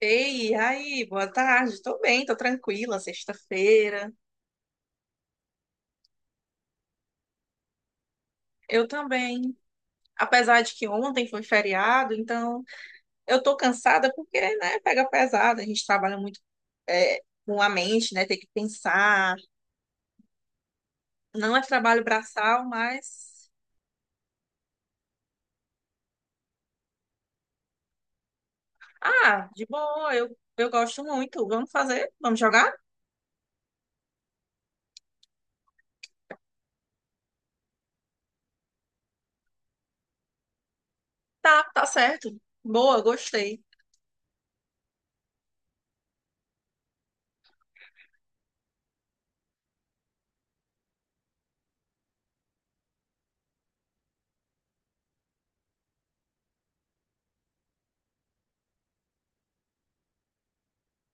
Ei, e aí, boa tarde. Tô bem, tô tranquila, sexta-feira. Eu também. Apesar de que ontem foi feriado, então eu tô cansada porque, né, pega pesado. A gente trabalha muito é, com a mente, né, tem que pensar. Não é trabalho braçal, mas. Ah, de boa, eu gosto muito. Vamos fazer? Vamos jogar? Tá, tá certo. Boa, gostei.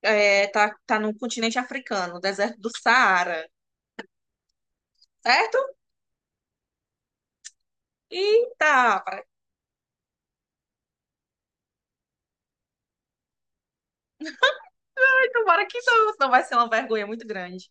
É, tá, tá no continente africano, deserto do Saara, certo? E tá. Tomara que não, senão vai ser uma vergonha muito grande.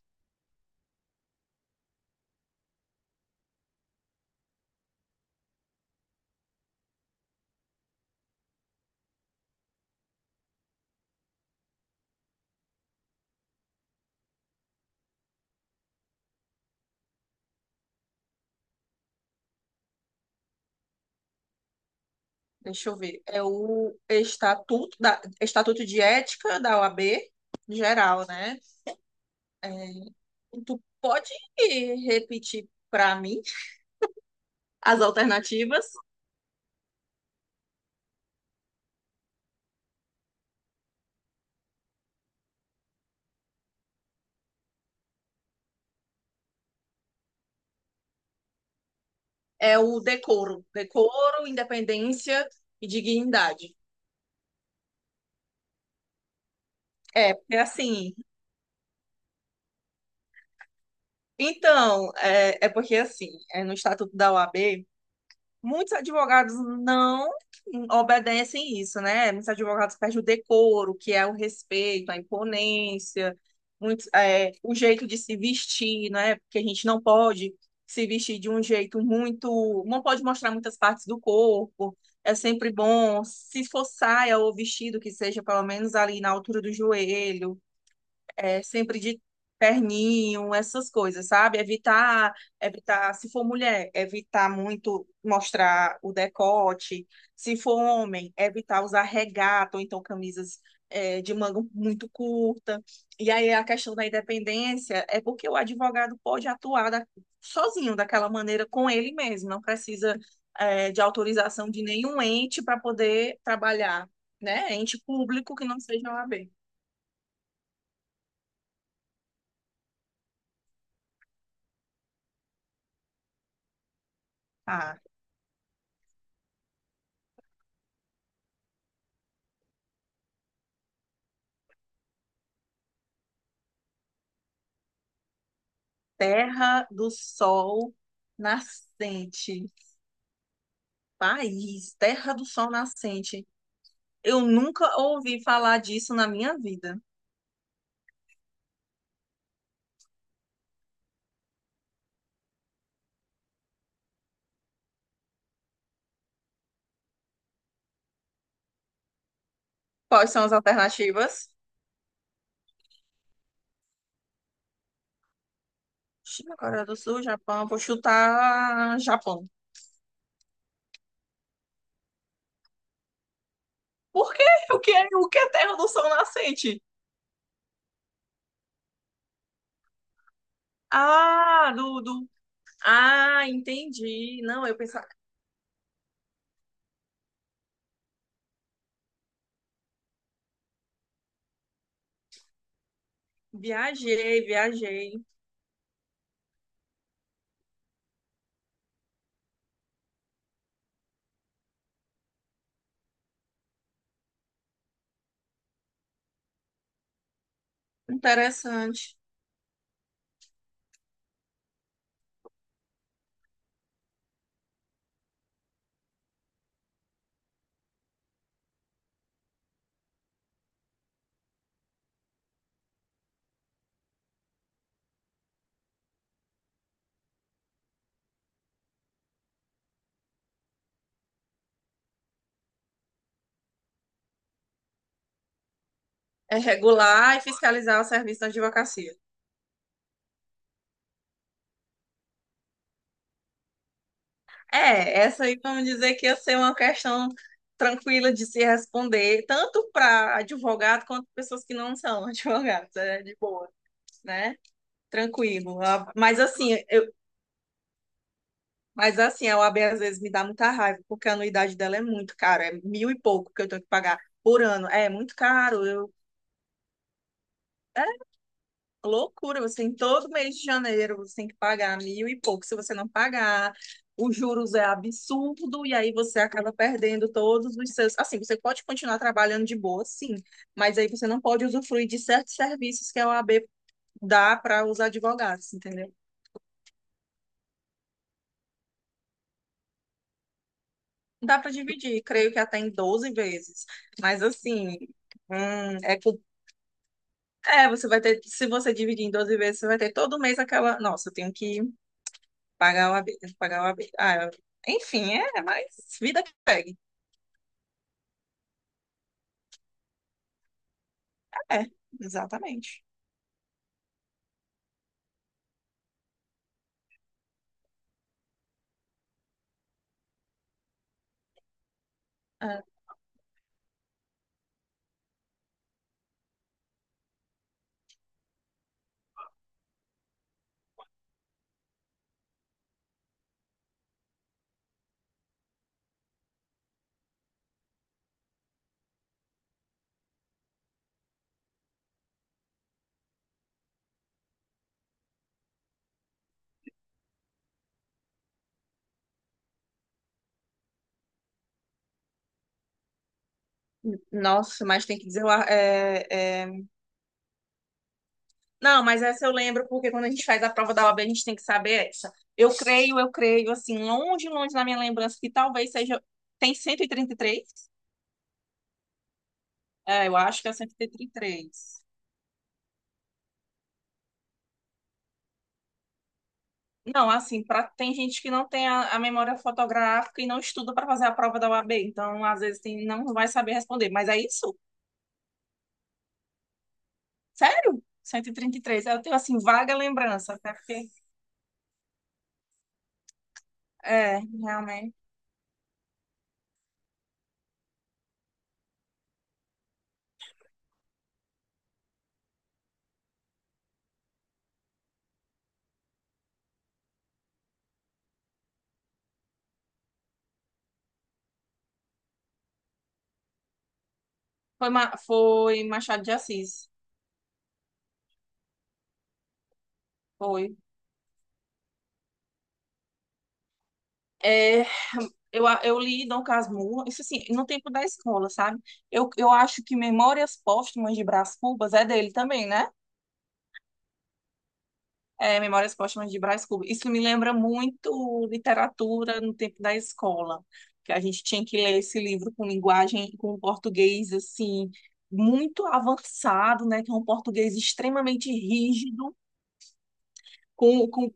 Deixa eu ver. É o estatuto de ética da OAB, geral, né? É, tu pode repetir para mim as alternativas? É o decoro. Decoro, independência e dignidade. É, porque assim. Então, é porque assim, é no estatuto da OAB. Muitos advogados não obedecem isso, né? Muitos advogados perdem o decoro, que é o respeito, a imponência, muitos, o jeito de se vestir, né? Porque a gente não pode se vestir de um jeito muito. Não pode mostrar muitas partes do corpo. É sempre bom, se for saia ou vestido, que seja pelo menos ali na altura do joelho, sempre de terninho, essas coisas, sabe? Evitar, se for mulher, evitar muito mostrar o decote. Se for homem, evitar usar regata ou então camisas, de manga muito curta. E aí a questão da independência é porque o advogado pode atuar sozinho daquela maneira com ele mesmo, não precisa, de autorização de nenhum ente para poder trabalhar, né? Ente público que não seja O a OAB. Ah, Terra do Sol Nascente. País, Terra do Sol Nascente. Eu nunca ouvi falar disso na minha vida. Quais são as alternativas? China, Coreia do Sul, Japão. Vou chutar Japão. Por quê? O que é Terra do Sol Nascente? Ah, do. Ah, entendi. Não, eu pensava... Viajei, viajei. Interessante. É regular e fiscalizar o serviço da advocacia. É, essa aí vamos dizer que ia ser uma questão tranquila de se responder, tanto para advogado quanto pessoas que não são advogados, é de boa, né? Tranquilo. Mas assim, a OAB às vezes me dá muita raiva, porque a anuidade dela é muito cara, é mil e pouco que eu tenho que pagar por ano. É muito caro. Eu, Loucura, você tem todo mês de janeiro, você tem que pagar mil e pouco. Se você não pagar, os juros é absurdo e aí você acaba perdendo todos os seus. Assim, você pode continuar trabalhando de boa, sim, mas aí você não pode usufruir de certos serviços que a OAB dá para os advogados, entendeu? Dá para dividir, creio que até em 12 vezes, mas assim, hum, é, que- você vai ter, se você dividir em 12 vezes, você vai ter todo mês aquela, nossa, eu tenho que pagar o habitantes, pagar o habitantes. Ah, enfim, mas vida que pegue. É, exatamente. É. Nossa, mas tem que dizer. O ar- É, é... Não, mas essa eu lembro, porque quando a gente faz a prova da OAB, a gente tem que saber essa. Eu creio, assim, longe, longe na minha lembrança, que talvez seja. Tem 133? É, eu acho que é cento e trinta e três. Não, assim, tem gente que não tem a memória fotográfica e não estuda para fazer a prova da OAB, então às vezes não vai saber responder, mas é isso. Sério? Cento e trinta e três. Eu tenho, assim, vaga lembrança, até porque... É, realmente. Foi Machado de Assis. Foi. É, eu li Dom Casmurro, isso assim, no tempo da escola, sabe? Eu acho que Memórias Póstumas de Brás Cubas é dele também, né? É, Memórias Póstumas de Brás Cubas. Isso me lembra muito literatura no tempo da escola, que a gente tinha que ler esse livro com linguagem, com português, assim, muito avançado, né? Que é um português extremamente rígido, com, com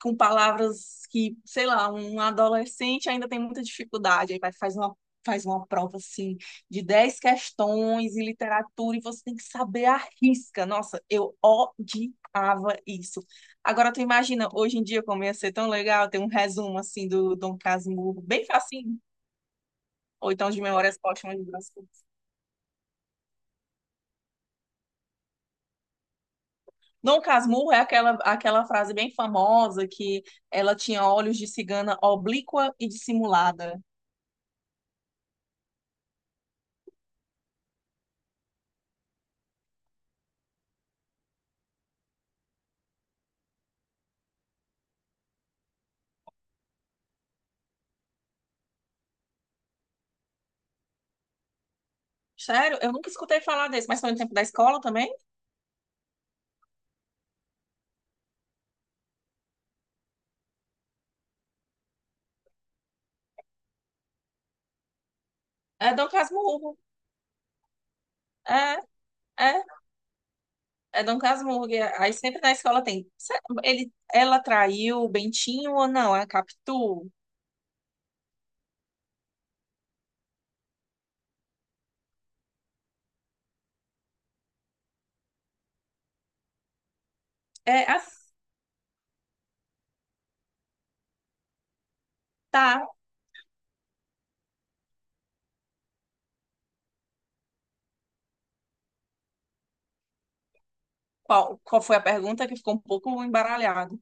com palavras que, sei lá, um adolescente ainda tem muita dificuldade, aí vai, faz uma prova assim de 10 questões em literatura e você tem que saber a risca. Nossa, eu odiava isso. Agora tu imagina, hoje em dia como ia ser tão legal ter um resumo assim do Dom Casmurro, bem facinho, ou então de memórias póstumas de Brás Cubas. Dom Casmurro é aquela frase bem famosa que ela tinha olhos de cigana oblíqua e dissimulada. Sério, eu nunca escutei falar desse, mas foi no tempo da escola também. É Dom Casmurro. É, é, é Dom Casmurro. E aí sempre na escola tem. "Ela traiu o Bentinho ou não? É a Capitu? É, a, tá. Qual foi a pergunta que ficou um pouco embaralhado?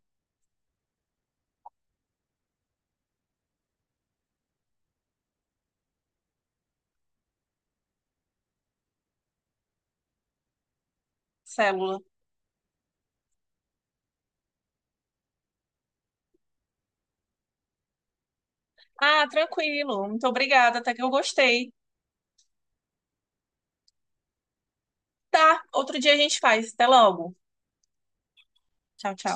Célula. Ah, tranquilo. Muito obrigada, até que eu gostei. Tá, outro dia a gente faz. Até logo. Tchau, tchau.